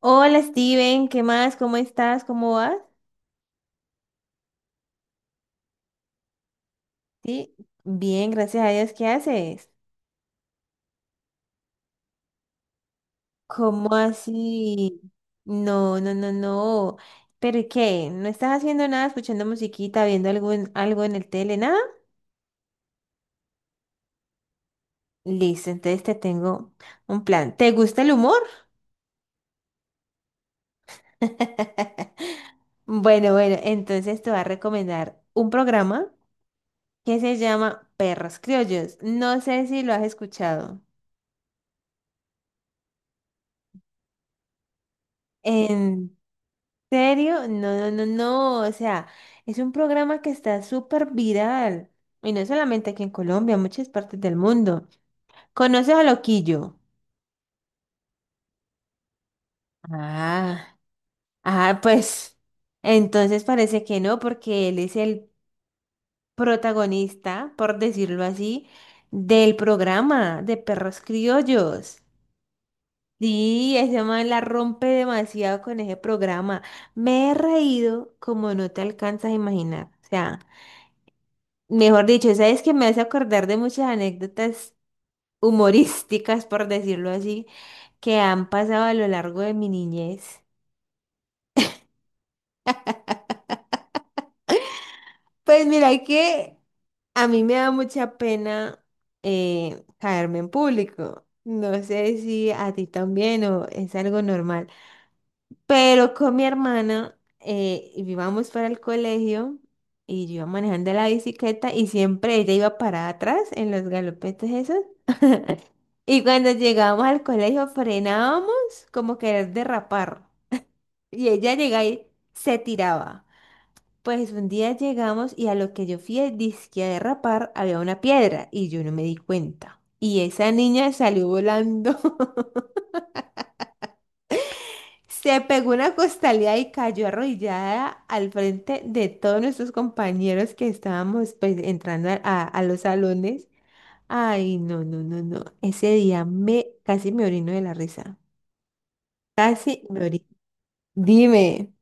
Hola Steven, ¿qué más? ¿Cómo estás? ¿Cómo vas? Sí, bien, gracias a Dios. ¿Qué haces? ¿Cómo así? No, no, no, no. ¿Pero y qué? ¿No estás haciendo nada, escuchando musiquita, viendo algo en el tele, nada? Listo, entonces te tengo un plan. ¿Te gusta el humor? Bueno, bueno, entonces te voy a recomendar un programa que se llama Perros Criollos. No sé si lo has escuchado. ¿Serio? No, no, no, no. O sea, es un programa que está súper viral. Y no solamente aquí en Colombia, en muchas partes del mundo. ¿Conoces a Loquillo? Ah, ah, pues. Entonces parece que no, porque él es el protagonista, por decirlo así, del programa de Perros Criollos. Sí, ese man la rompe demasiado con ese programa. Me he reído como no te alcanzas a imaginar. O sea. Mejor dicho, sabes que me hace acordar de muchas anécdotas humorísticas, por decirlo así, que han pasado a lo largo de mi niñez. Pues mira que a mí me da mucha pena caerme en público. No sé si a ti también o es algo normal. Pero con mi hermana íbamos para el colegio y yo iba manejando la bicicleta y siempre ella iba parada atrás en los galopetes esos. Y cuando llegamos al colegio frenábamos como querer derrapar. Y ella llegaba y se tiraba. Pues un día llegamos y a lo que yo fui, dizque a derrapar, había una piedra y yo no me di cuenta. Y esa niña salió volando. Se pegó una costalía y cayó arrodillada al frente de todos nuestros compañeros que estábamos pues entrando a los salones. Ay, no, no, no, no. Ese día me casi me orino de la risa. Casi me orino. Dime,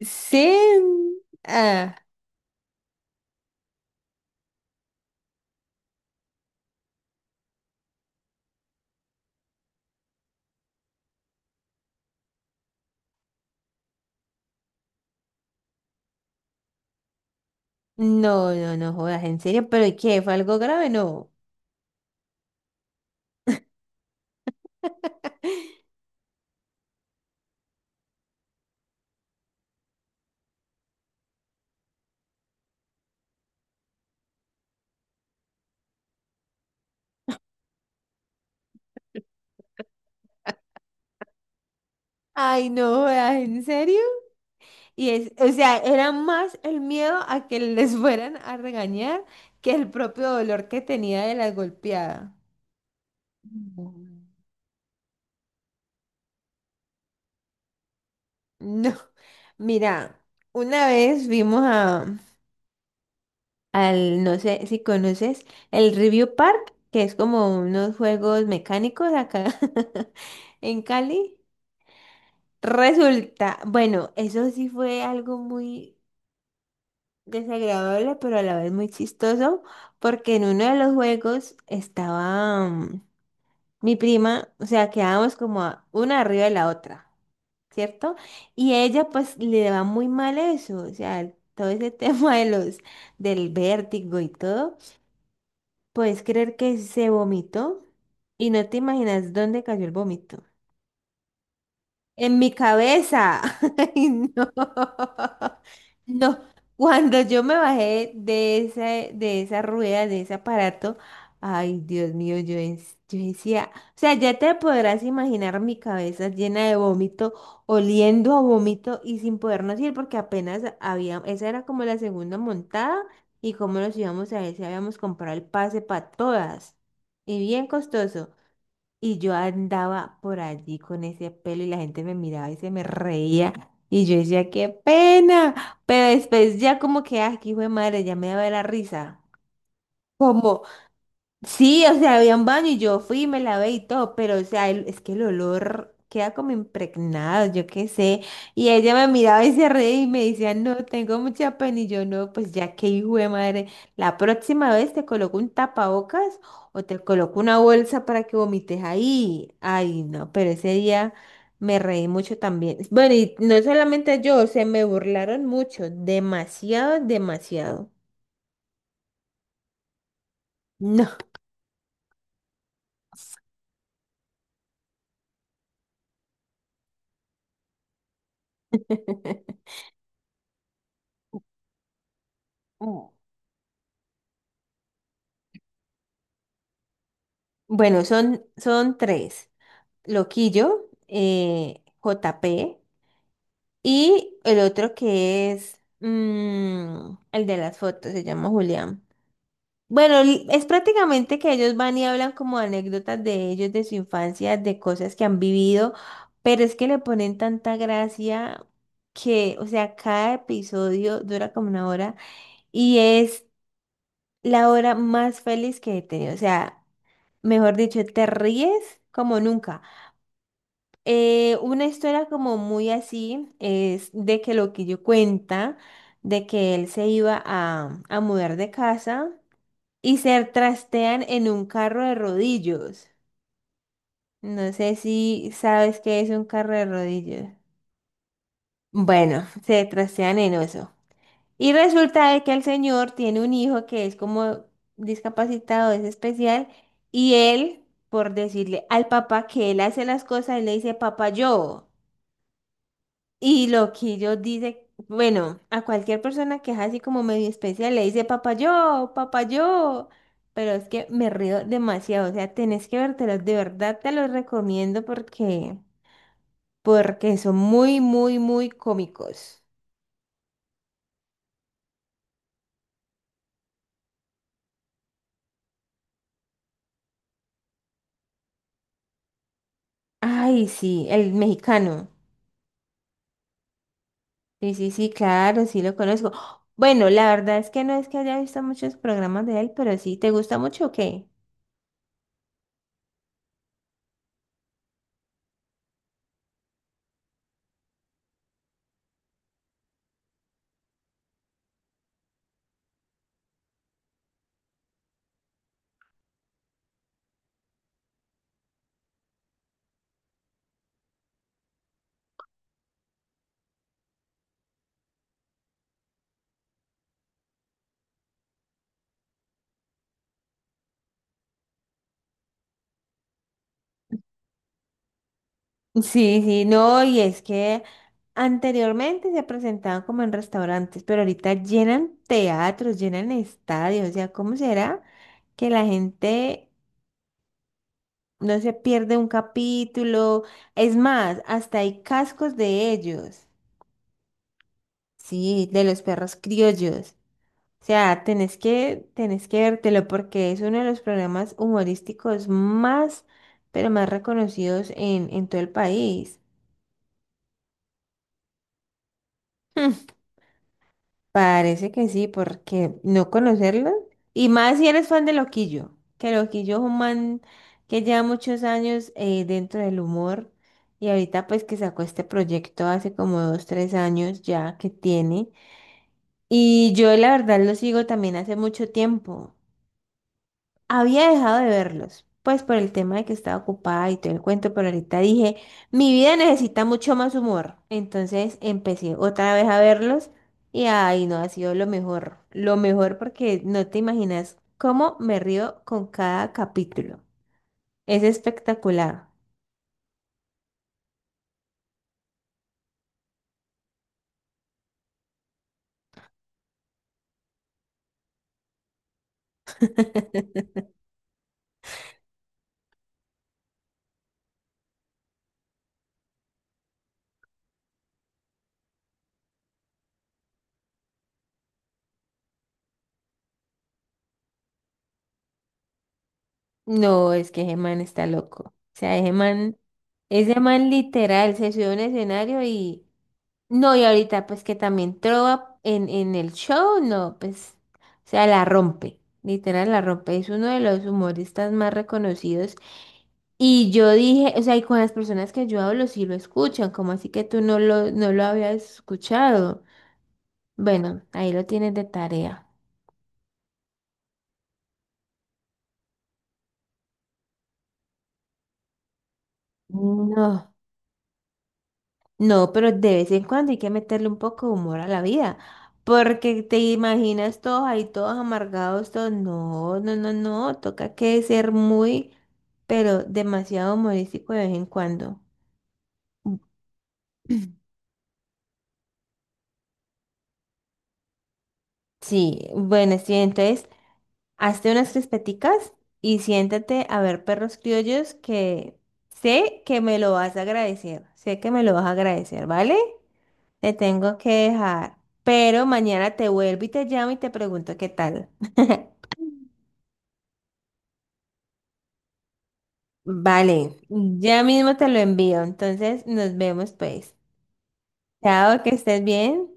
¿sí? Ah, no, no no jodas, en serio, pero ¿y qué? ¿Fue algo grave? No. Ay, no jodas, ¿en serio? Y es, o sea, era más el miedo a que les fueran a regañar que el propio dolor que tenía de la golpeada. Mm. No, mira, una vez vimos a, al, no sé si conoces, el Review Park, que es como unos juegos mecánicos acá en Cali. Resulta, bueno, eso sí fue algo muy desagradable, pero a la vez muy chistoso, porque en uno de los juegos estaba mi prima, o sea, quedábamos como una arriba de la otra, ¿cierto? Y ella pues le va muy mal eso, o sea, todo ese tema de del vértigo y todo. ¿Puedes creer que se vomitó? Y no te imaginas dónde cayó el vómito. En mi cabeza. Ay, no. No. Cuando yo me bajé de esa rueda, de ese aparato, ay, Dios mío, yo, yo decía, o sea, ya te podrás imaginar mi cabeza llena de vómito, oliendo a vómito y sin podernos ir porque apenas había, esa era como la segunda montada y cómo nos íbamos a ver si habíamos comprado el pase para todas. Y bien costoso. Y yo andaba por allí con ese pelo y la gente me miraba y se me reía. Y yo decía, qué pena. Pero después ya como que, ah, qué hijo de madre, ya me daba la risa. Como, sí, o sea, había un baño y yo fui y me lavé y todo, pero o sea, es que el olor queda como impregnado, yo qué sé. Y ella me miraba y se reía y me decía, no, tengo mucha pena. Y yo, no, pues ya que hijo de madre, la próxima vez te coloco un tapabocas o te coloco una bolsa para que vomites ahí. Ay, no, pero ese día me reí mucho también. Bueno, y no solamente yo, se me burlaron mucho, demasiado, demasiado. No. Bueno, son, son tres. Loquillo, JP y el otro que es el de las fotos, se llama Julián. Bueno, es prácticamente que ellos van y hablan como anécdotas de ellos, de su infancia, de cosas que han vivido, pero es que le ponen tanta gracia que, o sea, cada episodio dura como una hora y es la hora más feliz que he tenido. O sea, mejor dicho, te ríes como nunca. Una historia como muy así es de que lo que yo cuenta, de que él se iba a mudar de casa y se trastean en un carro de rodillos. No sé si sabes qué es un carro de rodillos. Bueno, se trastean en eso. Y resulta de que el señor tiene un hijo que es como discapacitado, es especial, y él, por decirle al papá que él hace las cosas, él le dice, papá, yo. Y Loquillo dice, bueno, a cualquier persona que es así como medio especial le dice papayó, papayó. Pero es que me río demasiado, o sea, tenés que vértelos, de verdad te los recomiendo porque, porque son muy, muy, muy cómicos. Ay, sí, el mexicano. Sí, sí, sí, claro, sí lo conozco. Bueno, la verdad es que no es que haya visto muchos programas de él, pero sí, ¿te gusta mucho o qué? Sí, sí, no, y es que anteriormente se presentaban como en restaurantes, pero ahorita llenan teatros, llenan estadios, o sea, ¿cómo será que la gente no se pierde un capítulo? Es más, hasta hay cascos de ellos, sí, de los perros criollos. O sea, tenés que vértelo porque es uno de los programas humorísticos más, pero más reconocidos en todo el país. Parece que sí, porque no conocerlo. Y más si eres fan de Loquillo, que Loquillo es un man que lleva muchos años dentro del humor y ahorita pues que sacó este proyecto hace como dos, tres años ya que tiene. Y yo la verdad lo sigo también hace mucho tiempo. Había dejado de verlos, pues por el tema de que estaba ocupada y todo el cuento, pero ahorita dije, mi vida necesita mucho más humor. Entonces empecé otra vez a verlos y ay, no, ha sido lo mejor porque no te imaginas cómo me río con cada capítulo. Es espectacular. No, es que ese man está loco. O sea, ese man literal se subió a un escenario y no, y ahorita pues que también Trova en el show, no, pues, o sea, la rompe, literal la rompe, es uno de los humoristas más reconocidos. Y yo dije, o sea, y con las personas que yo hablo sí lo escuchan, como así que tú no lo, no lo habías escuchado. Bueno, ahí lo tienes de tarea. No. No, pero de vez en cuando hay que meterle un poco de humor a la vida, porque te imaginas todos ahí, todos amargados, todos, no, no, no, no, toca que ser muy, pero demasiado humorístico de vez en cuando. Sí, bueno, sí, entonces, hazte unas crispeticas y siéntate a ver Perros Criollos que sé que me lo vas a agradecer, sé que me lo vas a agradecer, ¿vale? Te tengo que dejar, pero mañana te vuelvo y te llamo y te pregunto qué tal. Vale, ya mismo te lo envío, entonces nos vemos pues. Chao, que estés bien.